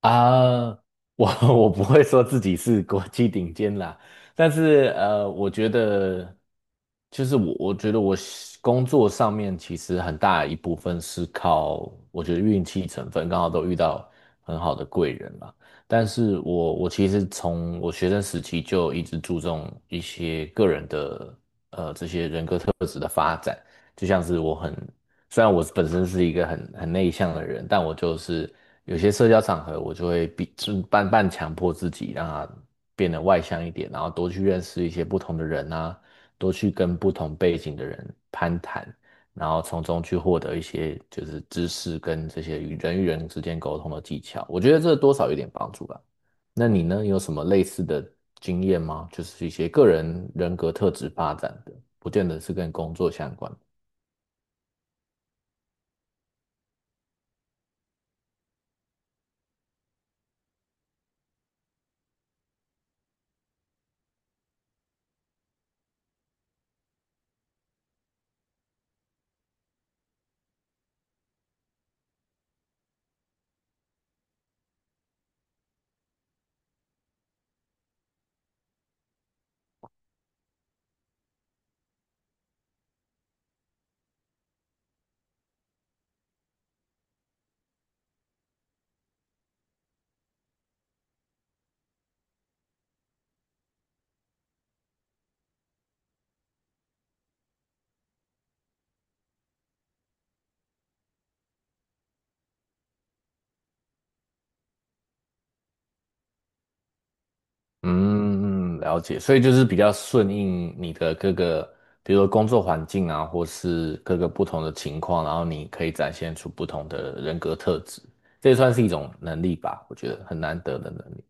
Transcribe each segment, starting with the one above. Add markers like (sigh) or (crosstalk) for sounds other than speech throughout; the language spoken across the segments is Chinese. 啊，我 (laughs) 我不会说自己是国际顶尖啦，但是我觉得就是我觉得我是工作上面其实很大一部分是靠我觉得运气成分，刚好都遇到很好的贵人啦。但是我其实从我学生时期就一直注重一些个人的这些人格特质的发展，就像是虽然我本身是一个很内向的人，但我就是。有些社交场合，我就会逼，就半半强迫自己，让他变得外向一点，然后多去认识一些不同的人啊，多去跟不同背景的人攀谈，然后从中去获得一些就是知识跟这些与人之间沟通的技巧。我觉得这多少有点帮助吧。那你呢，有什么类似的经验吗？就是一些个人人格特质发展的，不见得是跟工作相关。嗯，了解，所以就是比较顺应你的各个，比如说工作环境啊，或是各个不同的情况，然后你可以展现出不同的人格特质，这也算是一种能力吧，我觉得很难得的能力。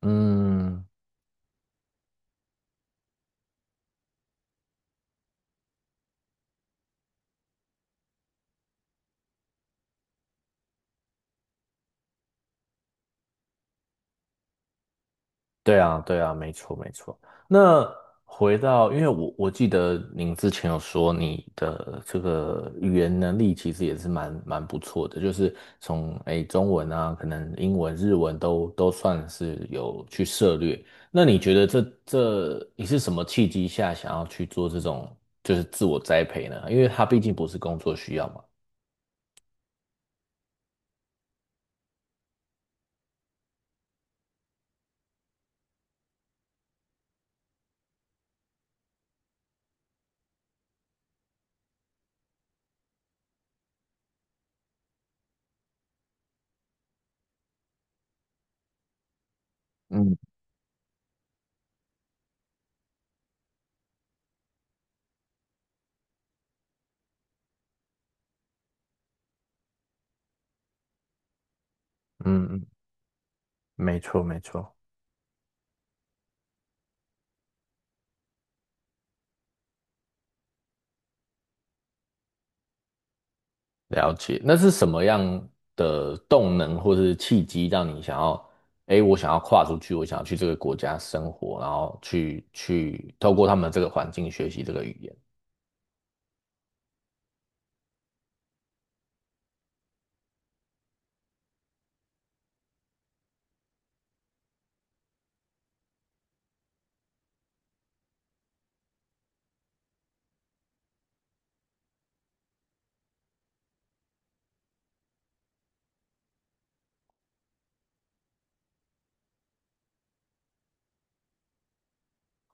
嗯，对啊，对啊，没错，没错。那回到，因为我记得您之前有说你的这个语言能力其实也是蛮不错的，就是从中文啊，可能英文、日文都算是有去涉略。那你觉得这你是什么契机下想要去做这种就是自我栽培呢？因为它毕竟不是工作需要嘛。嗯嗯嗯，没错没错。了解，那是什么样的动能或是契机让你想要，哎，我想要跨出去，我想要去这个国家生活，然后去透过他们这个环境学习这个语言。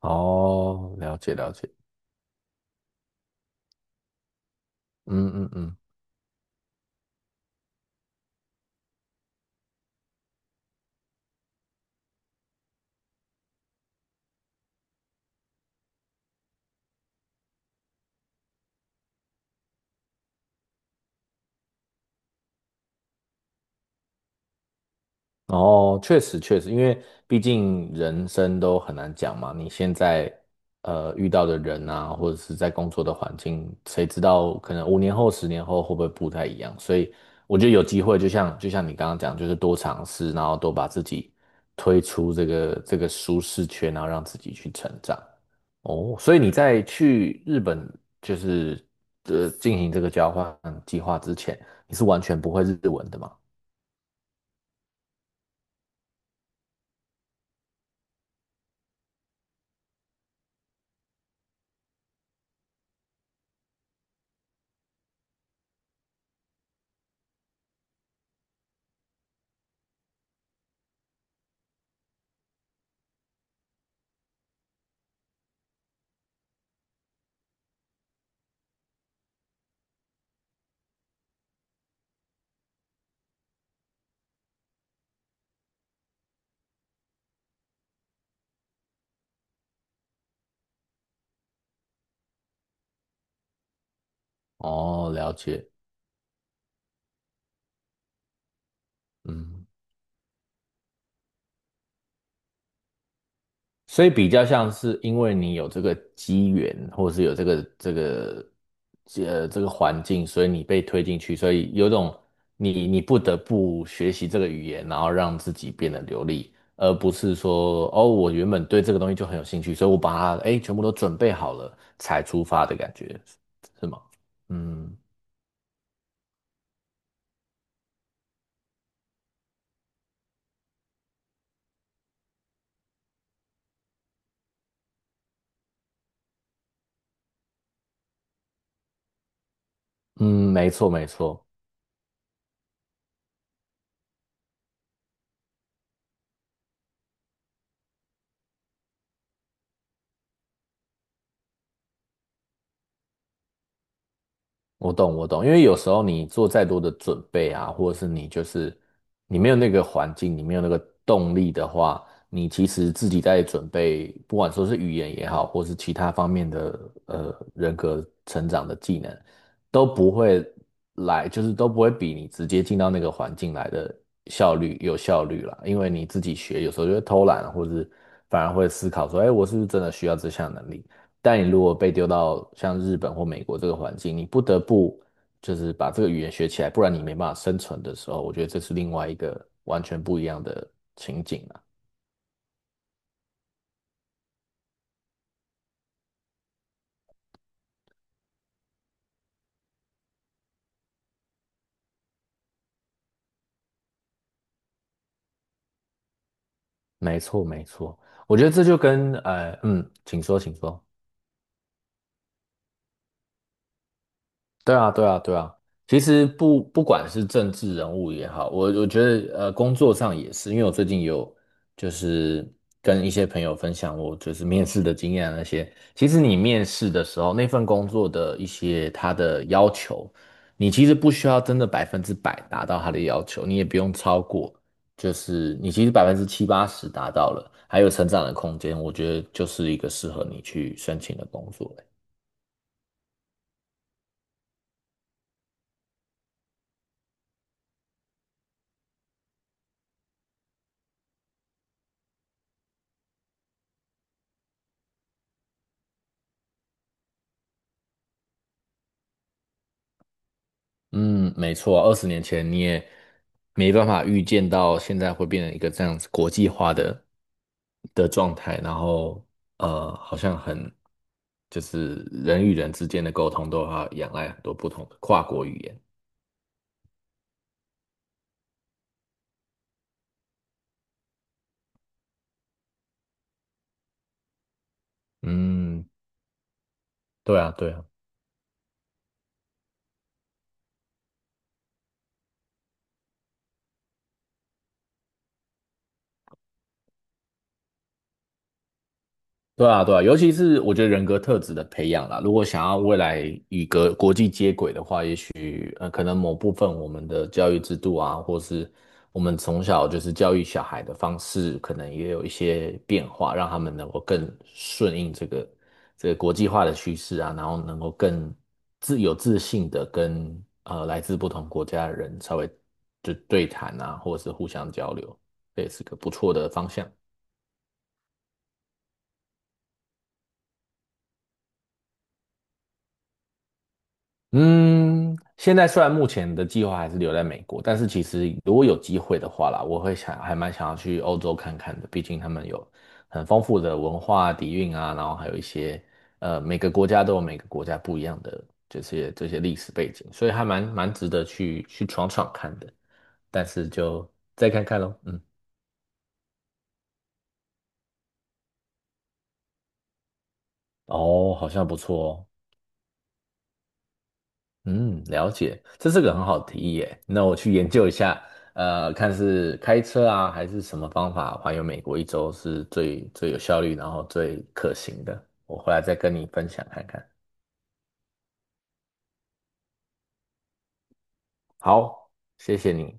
哦，了解了解，嗯嗯嗯。哦，确实确实，因为毕竟人生都很难讲嘛。你现在遇到的人啊，或者是在工作的环境，谁知道可能5年后、10年后会不会不太一样？所以我觉得有机会，就像你刚刚讲，就是多尝试，然后多把自己推出这个舒适圈，然后让自己去成长。哦，所以你在去日本就是进行这个交换计划之前，你是完全不会日文的嘛？哦，了解。嗯，所以比较像是因为你有这个机缘，或者是有这个环境，所以你被推进去，所以有种你不得不学习这个语言，然后让自己变得流利，而不是说哦，我原本对这个东西就很有兴趣，所以我把它哎全部都准备好了才出发的感觉，是吗？嗯嗯，没错没错。我懂，我懂，因为有时候你做再多的准备啊，或者是你就是你没有那个环境，你没有那个动力的话，你其实自己在准备，不管说是语言也好，或是其他方面的人格成长的技能，都不会来，就是都不会比你直接进到那个环境来的有效率啦。因为你自己学，有时候就会偷懒，或是反而会思考说，哎，我是不是真的需要这项能力？但你如果被丢到像日本或美国这个环境，你不得不就是把这个语言学起来，不然你没办法生存的时候，我觉得这是另外一个完全不一样的情景啊。没错，没错，我觉得这就跟嗯，请说，请说。对啊，对啊，对啊。其实不管是政治人物也好，我觉得工作上也是，因为我最近有就是跟一些朋友分享我就是面试的经验啊那些。其实你面试的时候，那份工作的一些他的要求，你其实不需要真的100%达到他的要求，你也不用超过，就是你其实70%~80%达到了，还有成长的空间，我觉得就是一个适合你去申请的工作欸。嗯，没错，20年前你也没办法预见到现在会变成一个这样子国际化的状态，然后好像很就是人与人之间的沟通都要仰赖很多不同的跨国语言。嗯，对啊，对啊。对啊，对啊，尤其是我觉得人格特质的培养啦，如果想要未来与国际接轨的话，也许可能某部分我们的教育制度啊，或是我们从小就是教育小孩的方式，可能也有一些变化，让他们能够更顺应这个国际化的趋势啊，然后能够更自信的跟来自不同国家的人稍微就对谈啊，或者是互相交流，这也是个不错的方向。嗯，现在虽然目前的计划还是留在美国，但是其实如果有机会的话啦，我会想还蛮想要去欧洲看看的，毕竟他们有很丰富的文化底蕴啊，然后还有一些每个国家都有每个国家不一样的这些历史背景，所以还蛮值得去闯闯看的。但是就再看看咯，嗯，哦，好像不错哦。嗯，了解，这是个很好的提议耶。那我去研究一下，看是开车啊，还是什么方法环游美国一周是最有效率，然后最可行的。我回来再跟你分享看看。好，谢谢你。